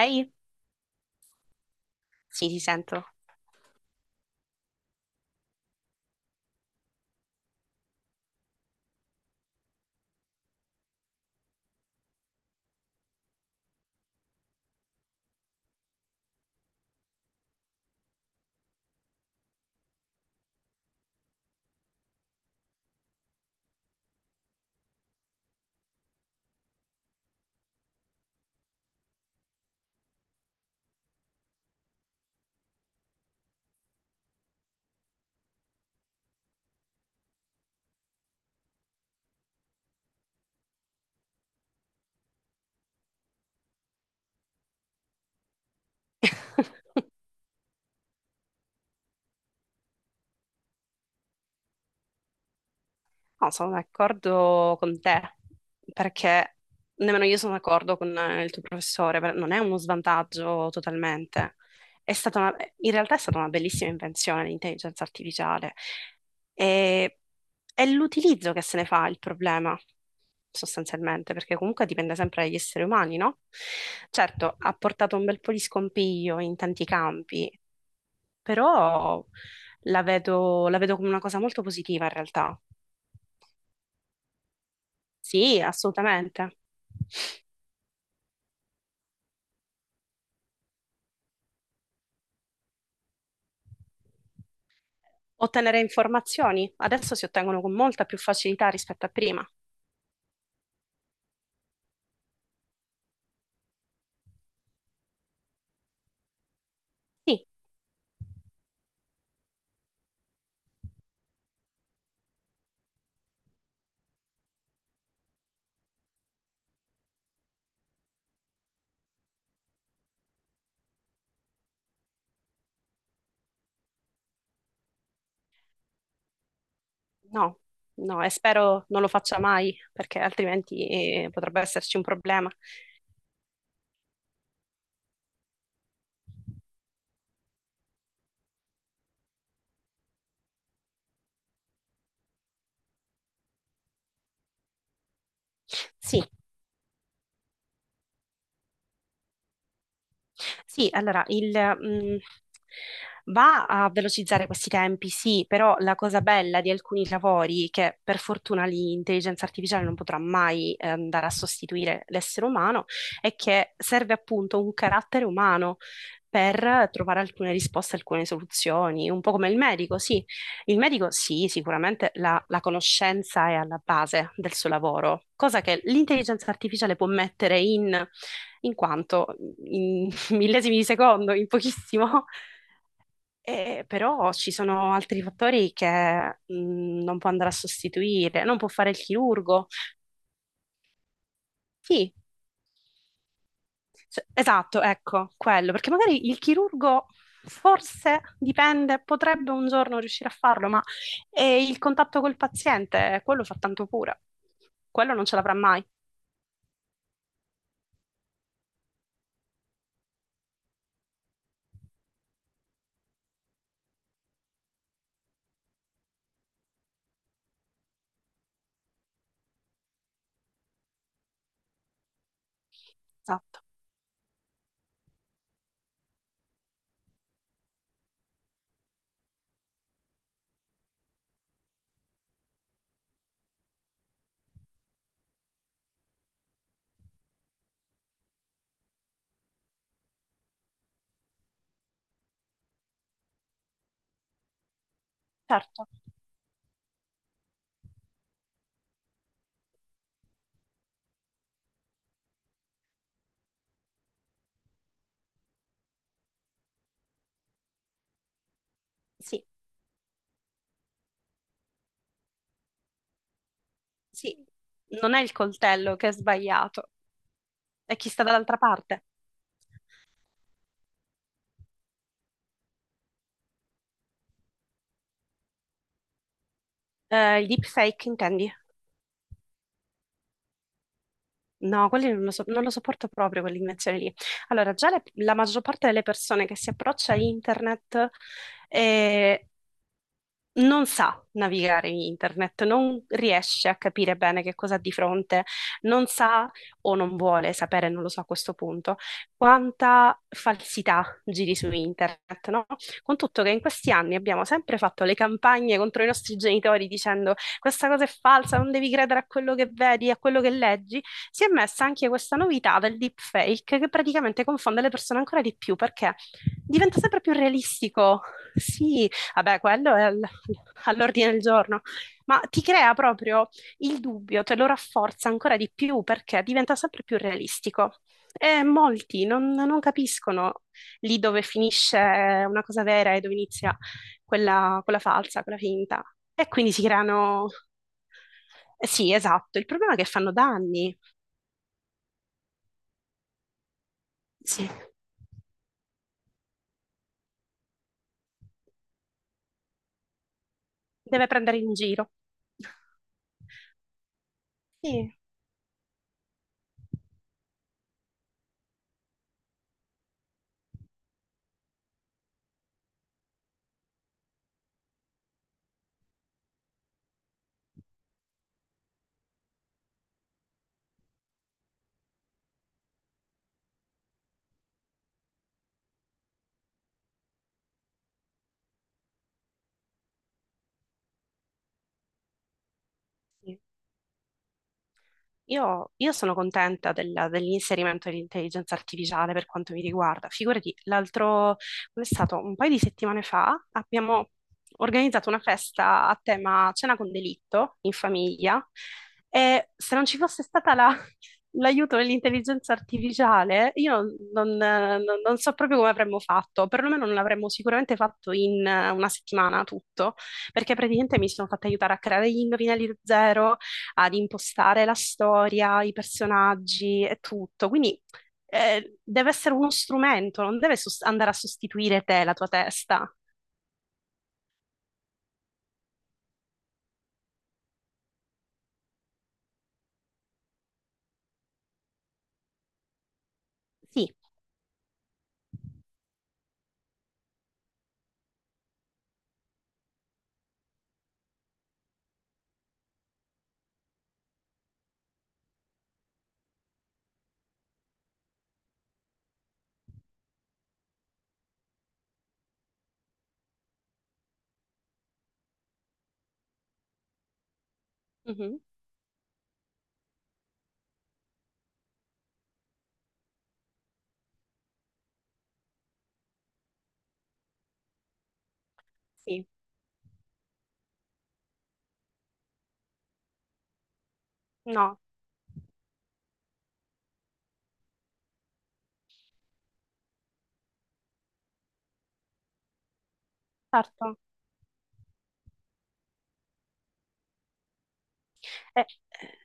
Ehi? Sì, ti sento. No, sono d'accordo con te, perché nemmeno io sono d'accordo con il tuo professore, non è uno svantaggio totalmente. È stata una- In realtà è stata una bellissima invenzione l'intelligenza artificiale. E, è l'utilizzo che se ne fa il problema, sostanzialmente, perché comunque dipende sempre dagli esseri umani, no? Certo, ha portato un bel po' di scompiglio in tanti campi, però la vedo come una cosa molto positiva in realtà. Sì, assolutamente. Ottenere informazioni adesso si ottengono con molta più facilità rispetto a prima. Sì, no, no, e spero non lo faccia mai, perché altrimenti potrebbe esserci un problema. Sì, sì, allora va a velocizzare questi tempi, sì, però la cosa bella di alcuni lavori, che per fortuna l'intelligenza artificiale non potrà mai andare a sostituire l'essere umano, è che serve appunto un carattere umano. Per trovare alcune risposte, alcune soluzioni, un po' come il medico, sì. Il medico, sì, sicuramente la conoscenza è alla base del suo lavoro, cosa che l'intelligenza artificiale può mettere in quanto in millesimi di secondo in pochissimo. Però ci sono altri fattori che non può andare a sostituire, non può fare il chirurgo. Sì, cioè, esatto, ecco, quello, perché magari il chirurgo forse dipende, potrebbe un giorno riuscire a farlo, ma il contatto col paziente, quello fa tanto pure, quello non ce l'avrà mai. Esatto, certo, sì, sì, non è il coltello che è sbagliato, è chi sta dall'altra parte. Il deepfake intendi? No, quelli non lo sopporto proprio, quell'invenzione lì. Allora, la maggior parte delle persone che si approccia a internet eh, non sa navigare in internet, non riesce a capire bene che cosa ha di fronte, non sa o non vuole sapere, non lo so a questo punto, quanta falsità giri su internet, no? Con tutto che in questi anni abbiamo sempre fatto le campagne contro i nostri genitori dicendo questa cosa è falsa, non devi credere a quello che vedi, a quello che leggi, si è messa anche questa novità del deepfake che praticamente confonde le persone ancora di più perché diventa sempre più realistico. Sì, vabbè, quello è all'ordine del giorno, ma ti crea proprio il dubbio, te lo rafforza ancora di più perché diventa sempre più realistico. E molti non capiscono lì dove finisce una cosa vera e dove inizia quella falsa, quella finta. E quindi si creano... sì, esatto, il problema è che fanno danni. Sì, deve prendere in giro. Sì. Sì. Io sono contenta dell'inserimento dell'intelligenza artificiale per quanto mi riguarda. Figurati, l'altro, è stato un paio di settimane fa, abbiamo organizzato una festa a tema cena con delitto in famiglia e se non ci fosse stata l'aiuto dell'intelligenza artificiale, io non so proprio come avremmo fatto, perlomeno non l'avremmo sicuramente fatto in una settimana tutto, perché praticamente mi sono fatta aiutare a creare gli indovinelli da zero ad impostare la storia, i personaggi e tutto. Quindi deve essere uno strumento, non deve sos- andare a sostituire te, la tua testa. Sì, mhm. Sì, no, certo. Eh, eh,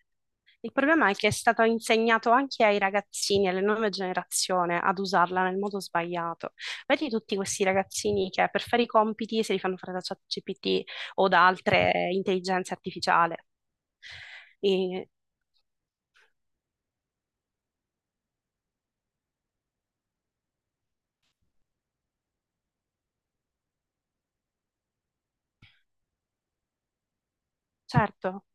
il problema è che è stato insegnato anche ai ragazzini, alle nuove generazioni, ad usarla nel modo sbagliato. Vedi tutti questi ragazzini che per fare i compiti se li fanno fare da ChatGPT o da altre intelligenze artificiali. E- certo.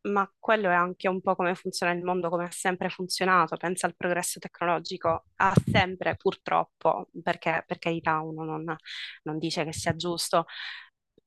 Ma quello è anche un po' come funziona il mondo, come ha sempre funzionato. Pensa al progresso tecnologico, ha sempre, purtroppo, perché per carità uno non, non dice che sia giusto.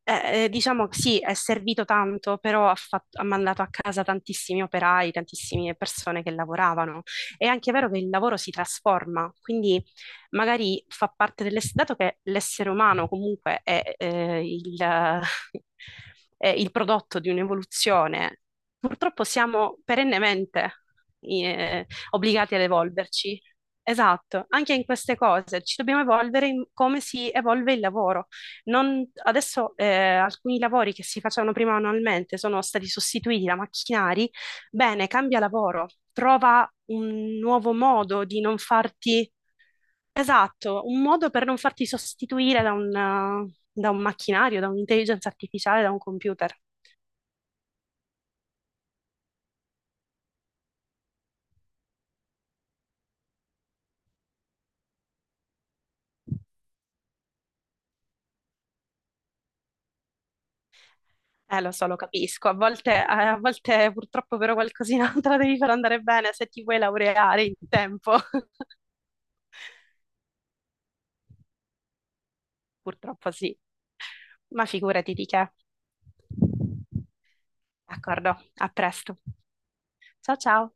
Diciamo sì, è servito tanto, però ha mandato a casa tantissimi operai, tantissime persone che lavoravano. È anche vero che il lavoro si trasforma, quindi magari fa parte dell'essere, dato che l'essere umano comunque è il prodotto di un'evoluzione, purtroppo siamo perennemente obbligati ad evolverci. Esatto, anche in queste cose ci dobbiamo evolvere in come si evolve il lavoro. Adesso alcuni lavori che si facevano prima manualmente sono stati sostituiti da macchinari. Bene, cambia lavoro, trova un nuovo modo di non farti. Esatto, un modo per non farti sostituire da da un macchinario, da un'intelligenza artificiale, da un computer. Lo so, lo capisco. A volte purtroppo però qualcosina te la devi far andare bene se ti vuoi laureare in tempo. Purtroppo sì, ma figurati di che. D'accordo, a presto. Ciao ciao.